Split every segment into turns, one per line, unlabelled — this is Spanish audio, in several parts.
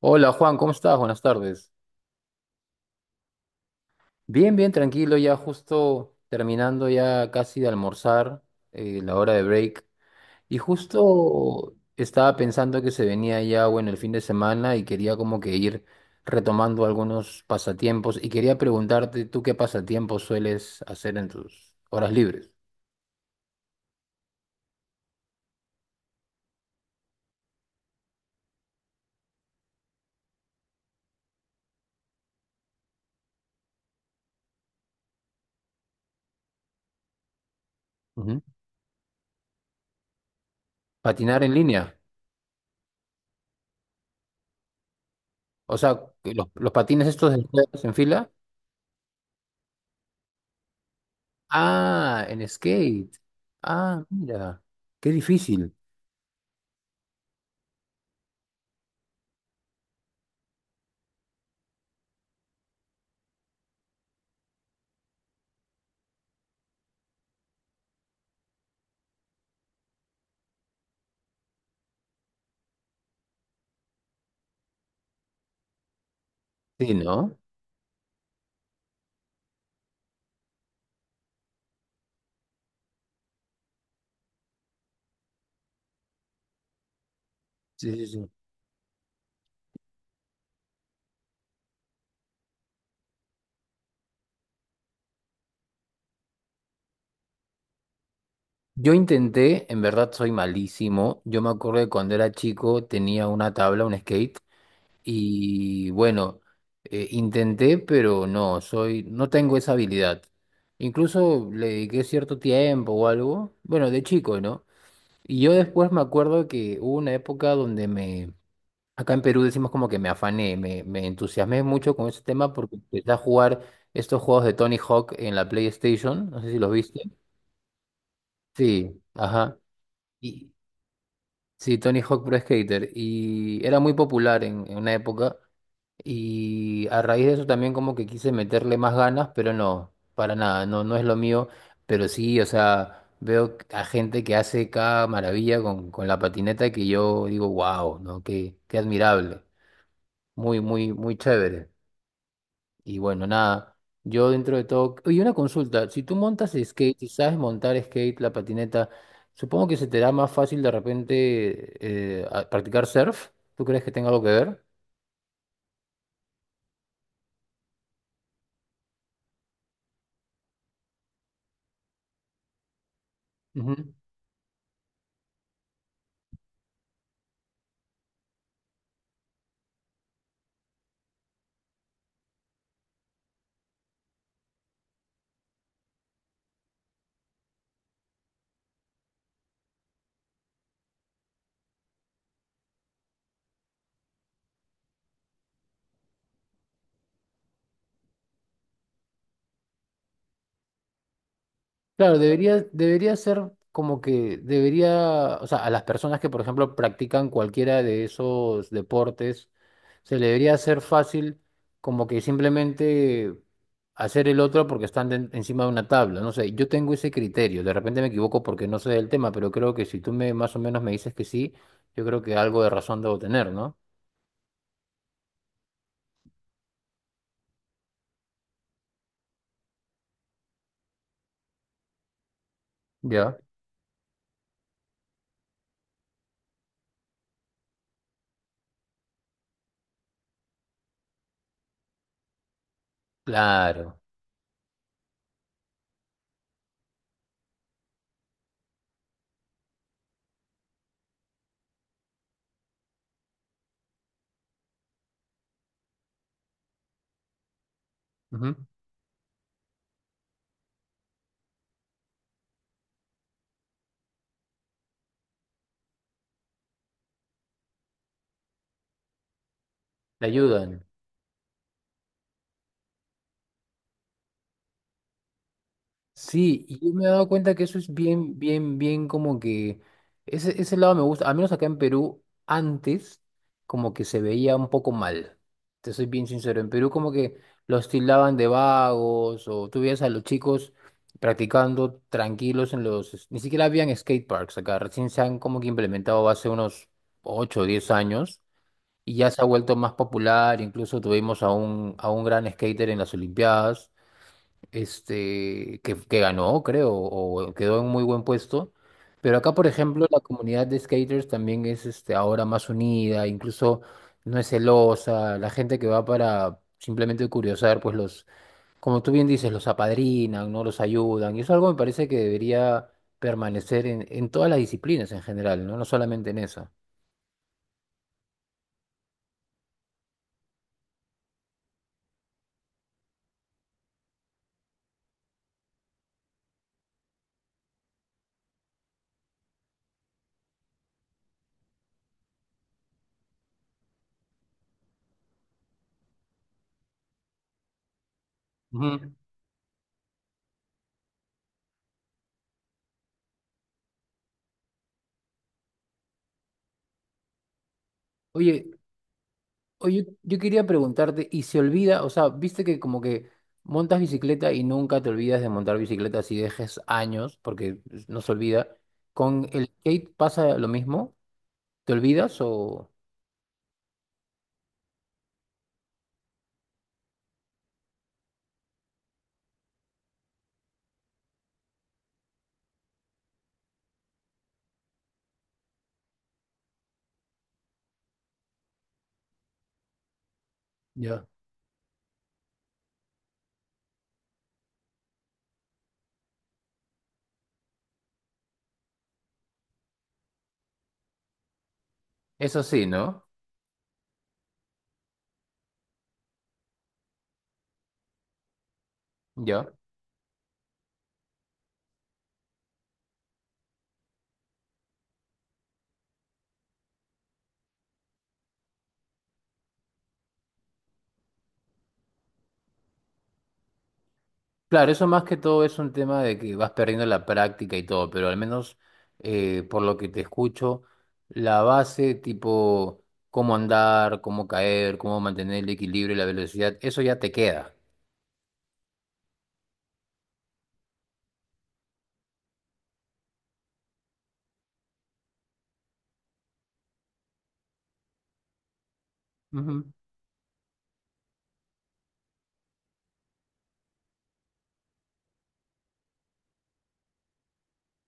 Hola Juan, ¿cómo estás? Buenas tardes. Bien, bien, tranquilo, ya justo terminando ya casi de almorzar, la hora de break. Y justo estaba pensando que se venía ya, bueno, el fin de semana y quería como que ir retomando algunos pasatiempos y quería preguntarte, ¿tú qué pasatiempos sueles hacer en tus horas libres? Ujú. Patinar en línea. O sea, que los patines estos de ruedas en fila. Ah, en skate. Ah, mira, qué difícil. Sí, ¿no? Sí, sí, sí. Yo intenté, en verdad soy malísimo. Yo me acuerdo que cuando era chico tenía una tabla, un skate, y bueno, intenté, pero no, soy, no tengo esa habilidad. Incluso le dediqué cierto tiempo o algo, bueno, de chico, ¿no? Y yo después me acuerdo que hubo una época donde acá en Perú decimos como que me afané, me entusiasmé mucho con ese tema porque empecé a jugar estos juegos de Tony Hawk en la PlayStation, no sé si los viste. Sí, ajá. Y Sí, Tony Hawk Pro Skater. Y era muy popular en una época. Y a raíz de eso también como que quise meterle más ganas, pero no, para nada, no, no es lo mío. Pero sí, o sea, veo a gente que hace cada maravilla con la patineta que yo digo, wow, ¿no? Qué admirable. Muy, muy, muy chévere. Y bueno, nada, yo dentro de todo... Oye, una consulta, si tú montas skate y sabes montar skate, la patineta, supongo que se te da más fácil de repente practicar surf. ¿Tú crees que tenga algo que ver? Ujú. Claro, debería, debería ser como que debería, o sea, a las personas que, por ejemplo, practican cualquiera de esos deportes, se le debería hacer fácil como que simplemente hacer el otro porque están encima de una tabla. No sé, yo tengo ese criterio, de repente me equivoco porque no sé del tema, pero creo que si tú me más o menos me dices que sí, yo creo que algo de razón debo tener, ¿no? Ya. Claro. Ujú. Te ayudan. Sí, y yo me he dado cuenta que eso es bien, bien, bien como que ese lado me gusta, al menos acá en Perú, antes como que se veía un poco mal, te soy bien sincero, en Perú como que los tildaban de vagos o tú veías a los chicos practicando tranquilos en ni siquiera habían skate parks acá, recién se han como que implementado hace unos 8 o 10 años y ya se ha vuelto más popular, incluso tuvimos a un gran skater en las Olimpiadas que ganó, creo, o quedó en muy buen puesto. Pero acá, por ejemplo, la comunidad de skaters también es este, ahora más unida, incluso no es celosa, la gente que va para simplemente curiosar, pues los, como tú bien dices, los apadrinan, ¿no? Los ayudan. Y eso es algo me parece que debería permanecer en todas las disciplinas en general, ¿no? No solamente en esa. Ujú. Oye, Oye, yo quería preguntarte, ¿y se olvida? O sea, viste que como que montas bicicleta y nunca te olvidas de montar bicicleta si dejes años, porque no se olvida. ¿Con el skate pasa lo mismo? ¿Te olvidas o...? Ya. Eso sí, ¿no? Ya. Claro, eso más que todo es un tema de que vas perdiendo la práctica y todo, pero al menos por lo que te escucho, la base tipo cómo andar, cómo caer, cómo mantener el equilibrio y la velocidad, eso ya te queda.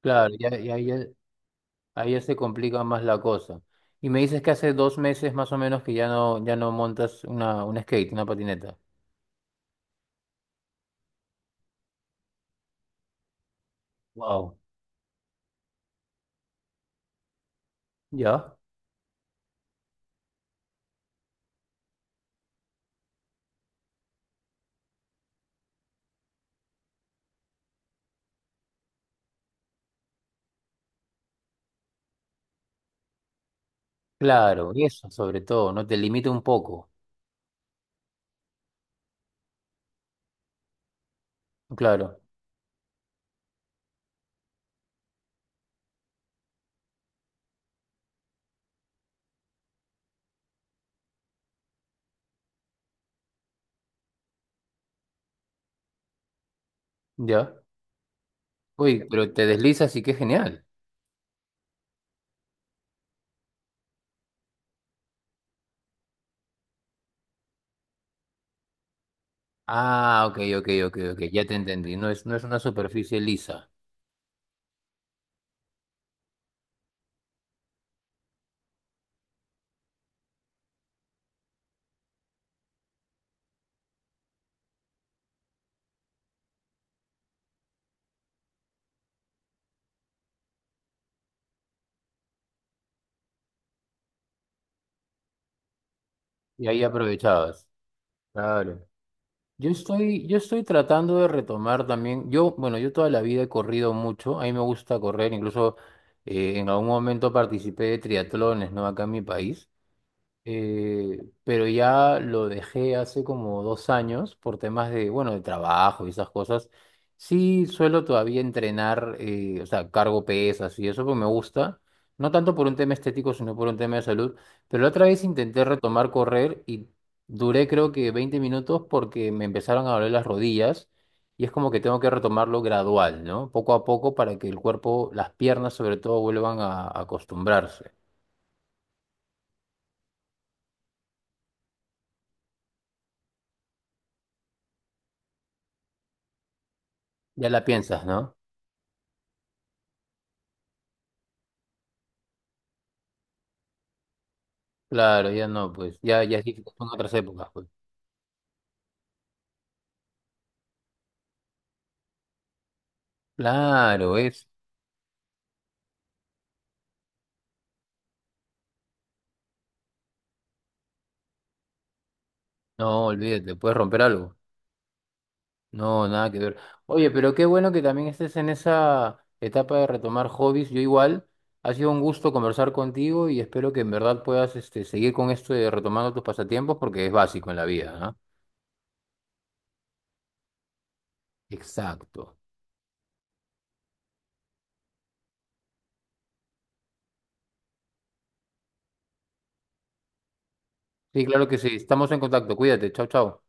Claro, y ahí ya se complica más la cosa. Y me dices que hace 2 meses más o menos que ya no, ya no montas un skate, una patineta. Wow. ¿Ya? Claro, y eso sobre todo, ¿no? Te limita un poco. Claro, ¿ya? Uy, pero te deslizas y qué genial. Ah, ok, ok, ok, ok, ya te entendí. No es, no es una superficie lisa. Y ahí aprovechabas. Claro. Yo estoy tratando de retomar también. Yo, bueno, yo toda la vida he corrido mucho. A mí me gusta correr. Incluso en algún momento participé de triatlones, ¿no? Acá en mi país. Pero ya lo dejé hace como 2 años por temas de, bueno, de trabajo y esas cosas. Sí, suelo todavía entrenar, o sea, cargo pesas y eso, pues me gusta. No tanto por un tema estético, sino por un tema de salud. Pero la otra vez intenté retomar correr y duré creo que 20 minutos porque me empezaron a doler las rodillas y es como que tengo que retomarlo gradual, ¿no? Poco a poco para que el cuerpo, las piernas sobre todo, vuelvan a acostumbrarse. Ya la piensas, ¿no? Claro, ya no, pues, ya, ya sí son otras épocas, pues. Claro, es. No, olvídate, puedes romper algo. No, nada que ver. Oye, pero qué bueno que también estés en esa etapa de retomar hobbies. Yo igual, ha sido un gusto conversar contigo y espero que en verdad puedas este, seguir con esto de retomando tus pasatiempos porque es básico en la vida, ¿no? Exacto. Sí, claro que sí. Estamos en contacto. Cuídate. Chao, chao.